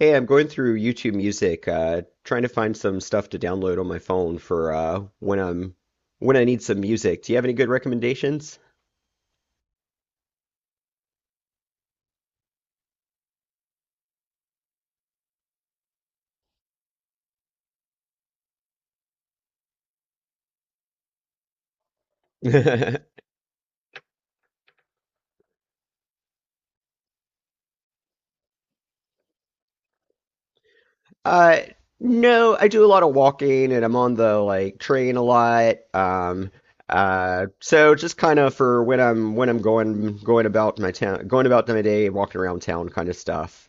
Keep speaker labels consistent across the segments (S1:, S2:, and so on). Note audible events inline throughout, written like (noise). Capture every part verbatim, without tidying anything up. S1: Hey, I'm going through YouTube Music, uh, trying to find some stuff to download on my phone for uh, when I'm when I need some music. Do you have any good recommendations? (laughs) Uh, no, I do a lot of walking and I'm on the like train a lot. Um, uh, so just kind of for when I'm when I'm going going about my town, going about my day, walking around town kind of stuff.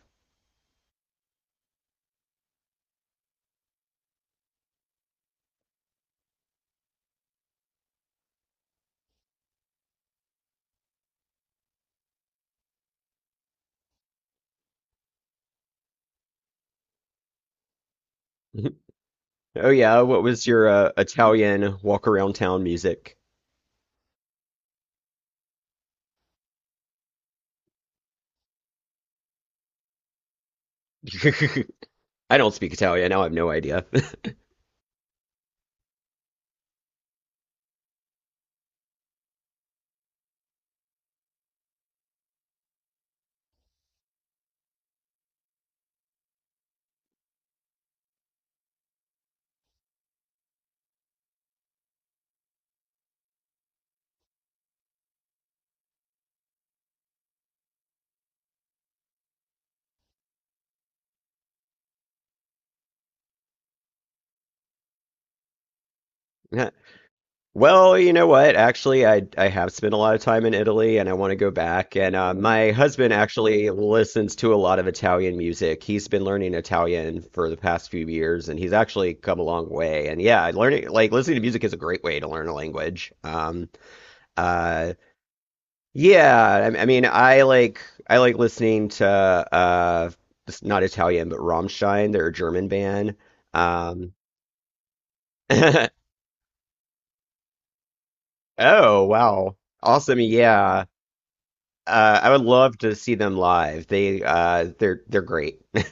S1: (laughs) Oh yeah, what was your uh, Italian walk around town music? (laughs) I don't speak Italian, now I have no idea. (laughs) Well, you know what? Actually, I I have spent a lot of time in Italy, and I want to go back. And uh, my husband actually listens to a lot of Italian music. He's been learning Italian for the past few years, and he's actually come a long way. And yeah, learning like listening to music is a great way to learn a language. Um, uh, yeah, I, I mean, I like I like listening to uh, it's not Italian, but Rammstein. They're a German band. Um, (laughs) oh wow, awesome! Yeah. Uh, I would love to see them live. They uh, they're they're great. (laughs)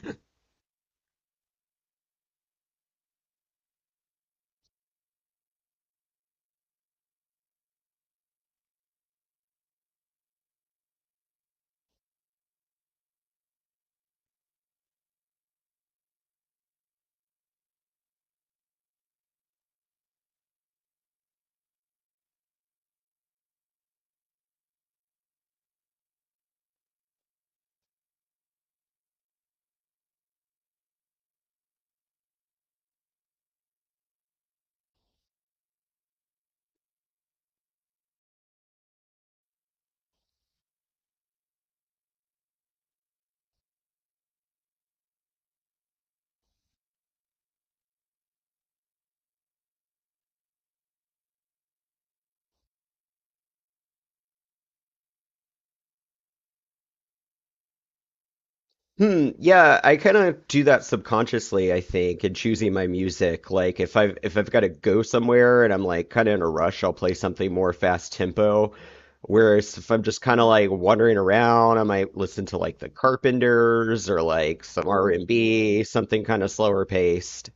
S1: Hmm, yeah, I kind of do that subconsciously, I think, in choosing my music. Like if I've if I've got to go somewhere and I'm like kind of in a rush, I'll play something more fast tempo. Whereas if I'm just kind of like wandering around, I might listen to like the Carpenters or like some R and B, something kind of slower paced.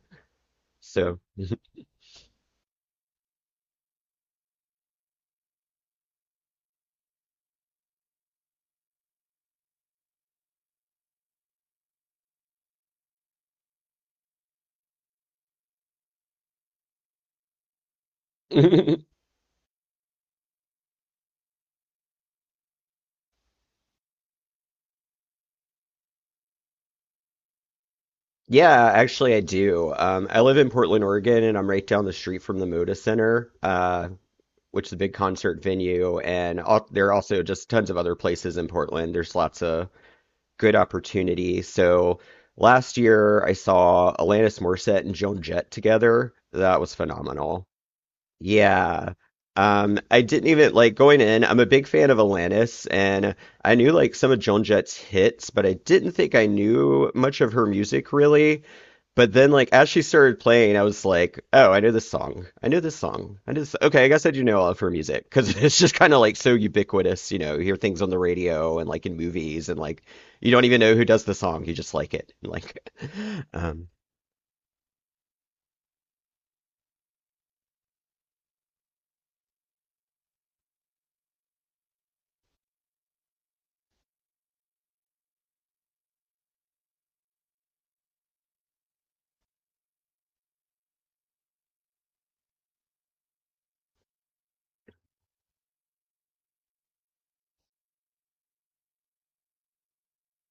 S1: So (laughs) Yeah, actually, I do. Um, I live in Portland, Oregon, and I'm right down the street from the Moda Center, uh, which is a big concert venue. And al- there are also just tons of other places in Portland. There's lots of good opportunity. So last year, I saw Alanis Morissette and Joan Jett together. That was phenomenal. Yeah. Um, I didn't even like going in. I'm a big fan of Alanis, and I knew like some of Joan Jett's hits, but I didn't think I knew much of her music really. But then, like, as she started playing, I was like, oh, I know this song. I know this song. I know this. Okay, I guess I do know all of her music because (laughs) it's just kind of like so ubiquitous. You know, you hear things on the radio and like in movies, and like you don't even know who does the song. You just like it. Like, (laughs) um,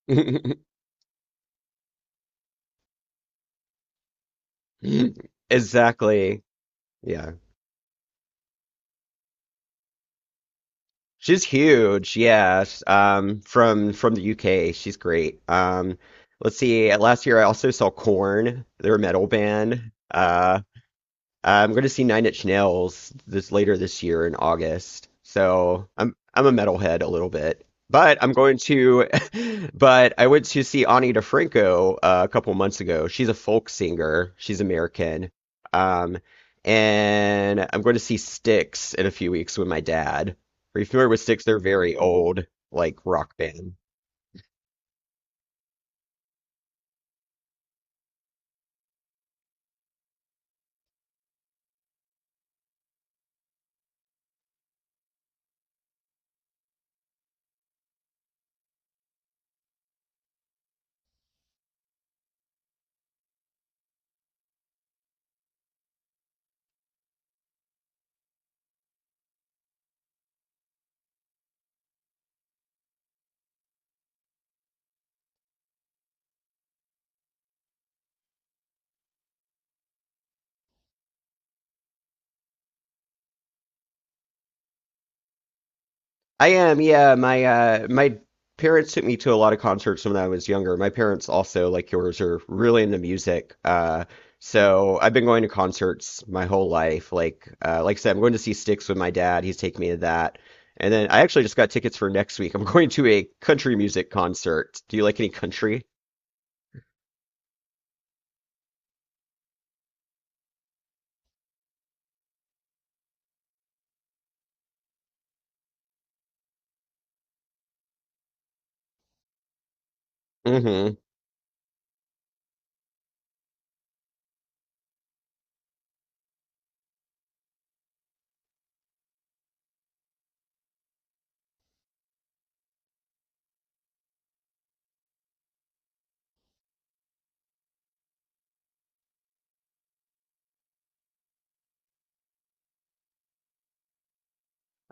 S1: (laughs) exactly. Yeah. She's huge. Yeah. sh- Um, from from the U K. She's great. Um, let's see. Last year, I also saw Corn. They're a metal band. uh, I'm going to see Nine Inch Nails this later this year in August. So I'm I'm a metalhead a little bit, but I'm going to. (laughs) But I went to see Ani DeFranco uh, a couple months ago. She's a folk singer. She's American. Um, and I'm going to see Styx in a few weeks with my dad. Are you familiar with Styx? They're very old, like rock band. I am, yeah. My uh my parents took me to a lot of concerts when I was younger. My parents also, like yours, are really into music. Uh so I've been going to concerts my whole life. Like uh like I said, I'm going to see Styx with my dad. He's taking me to that. And then I actually just got tickets for next week. I'm (laughs) going to a country music concert. Do you like any country? Hmm.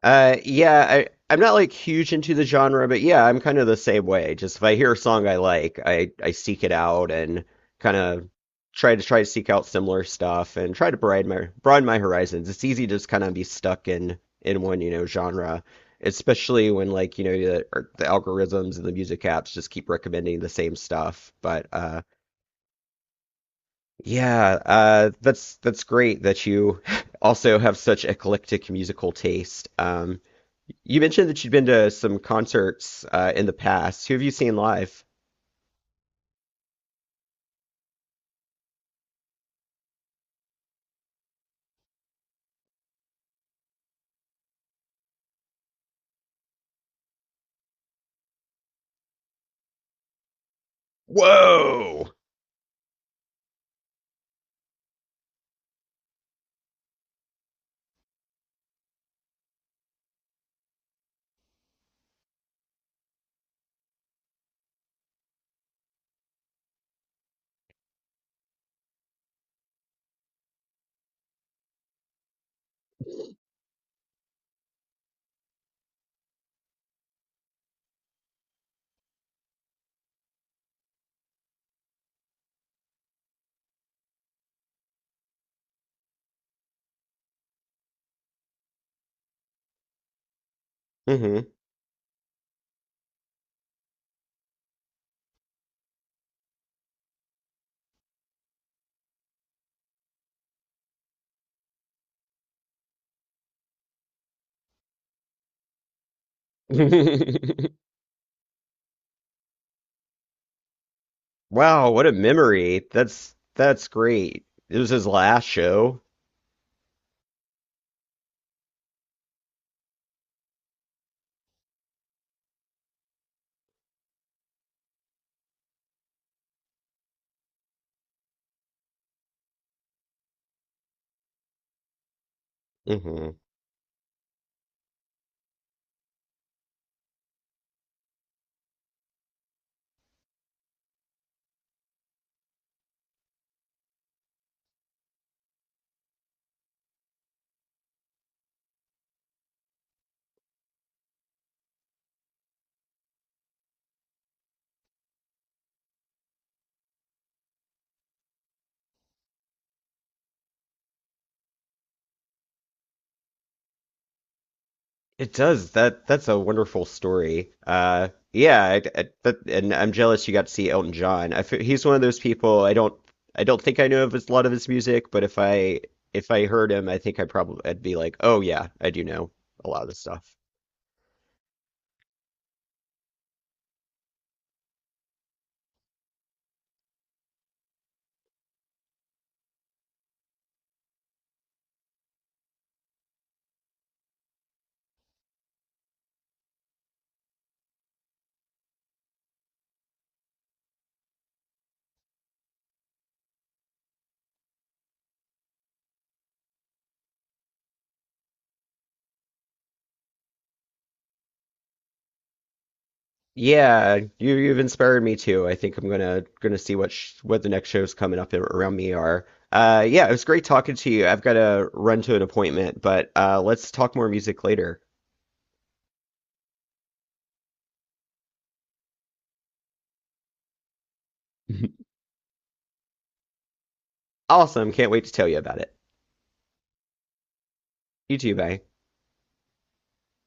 S1: Uh, yeah, I, I'm not like huge into the genre, but yeah, I'm kind of the same way. Just if I hear a song I like, I, I seek it out and kind of try to try to seek out similar stuff and try to broaden my broaden my horizons. It's easy to just kind of be stuck in in one, you know, genre, especially when like, you know, the, or the algorithms and the music apps just keep recommending the same stuff. But uh, yeah, uh, that's that's great that you (laughs) also have such eclectic musical taste. Um, you mentioned that you'd been to some concerts uh, in the past. Who have you seen live? Whoa! Hmm. (laughs) Wow, what a memory. That's that's great. It was his last show. Hmm. It does. That that's a wonderful story. Uh, yeah, I, I, that, and I'm jealous you got to see Elton John. I fe- he's one of those people I don't I don't think I know of his, a lot of his music, but if I if I heard him, I think I probably I'd be like, oh yeah, I do know a lot of this stuff. Yeah, you you've inspired me too. I think I'm gonna gonna see what sh what the next shows coming up ar- around me are. Uh, yeah, it was great talking to you. I've got to run to an appointment, but uh, let's talk more music later. (laughs) Awesome, can't wait to tell you about it. You too, bye.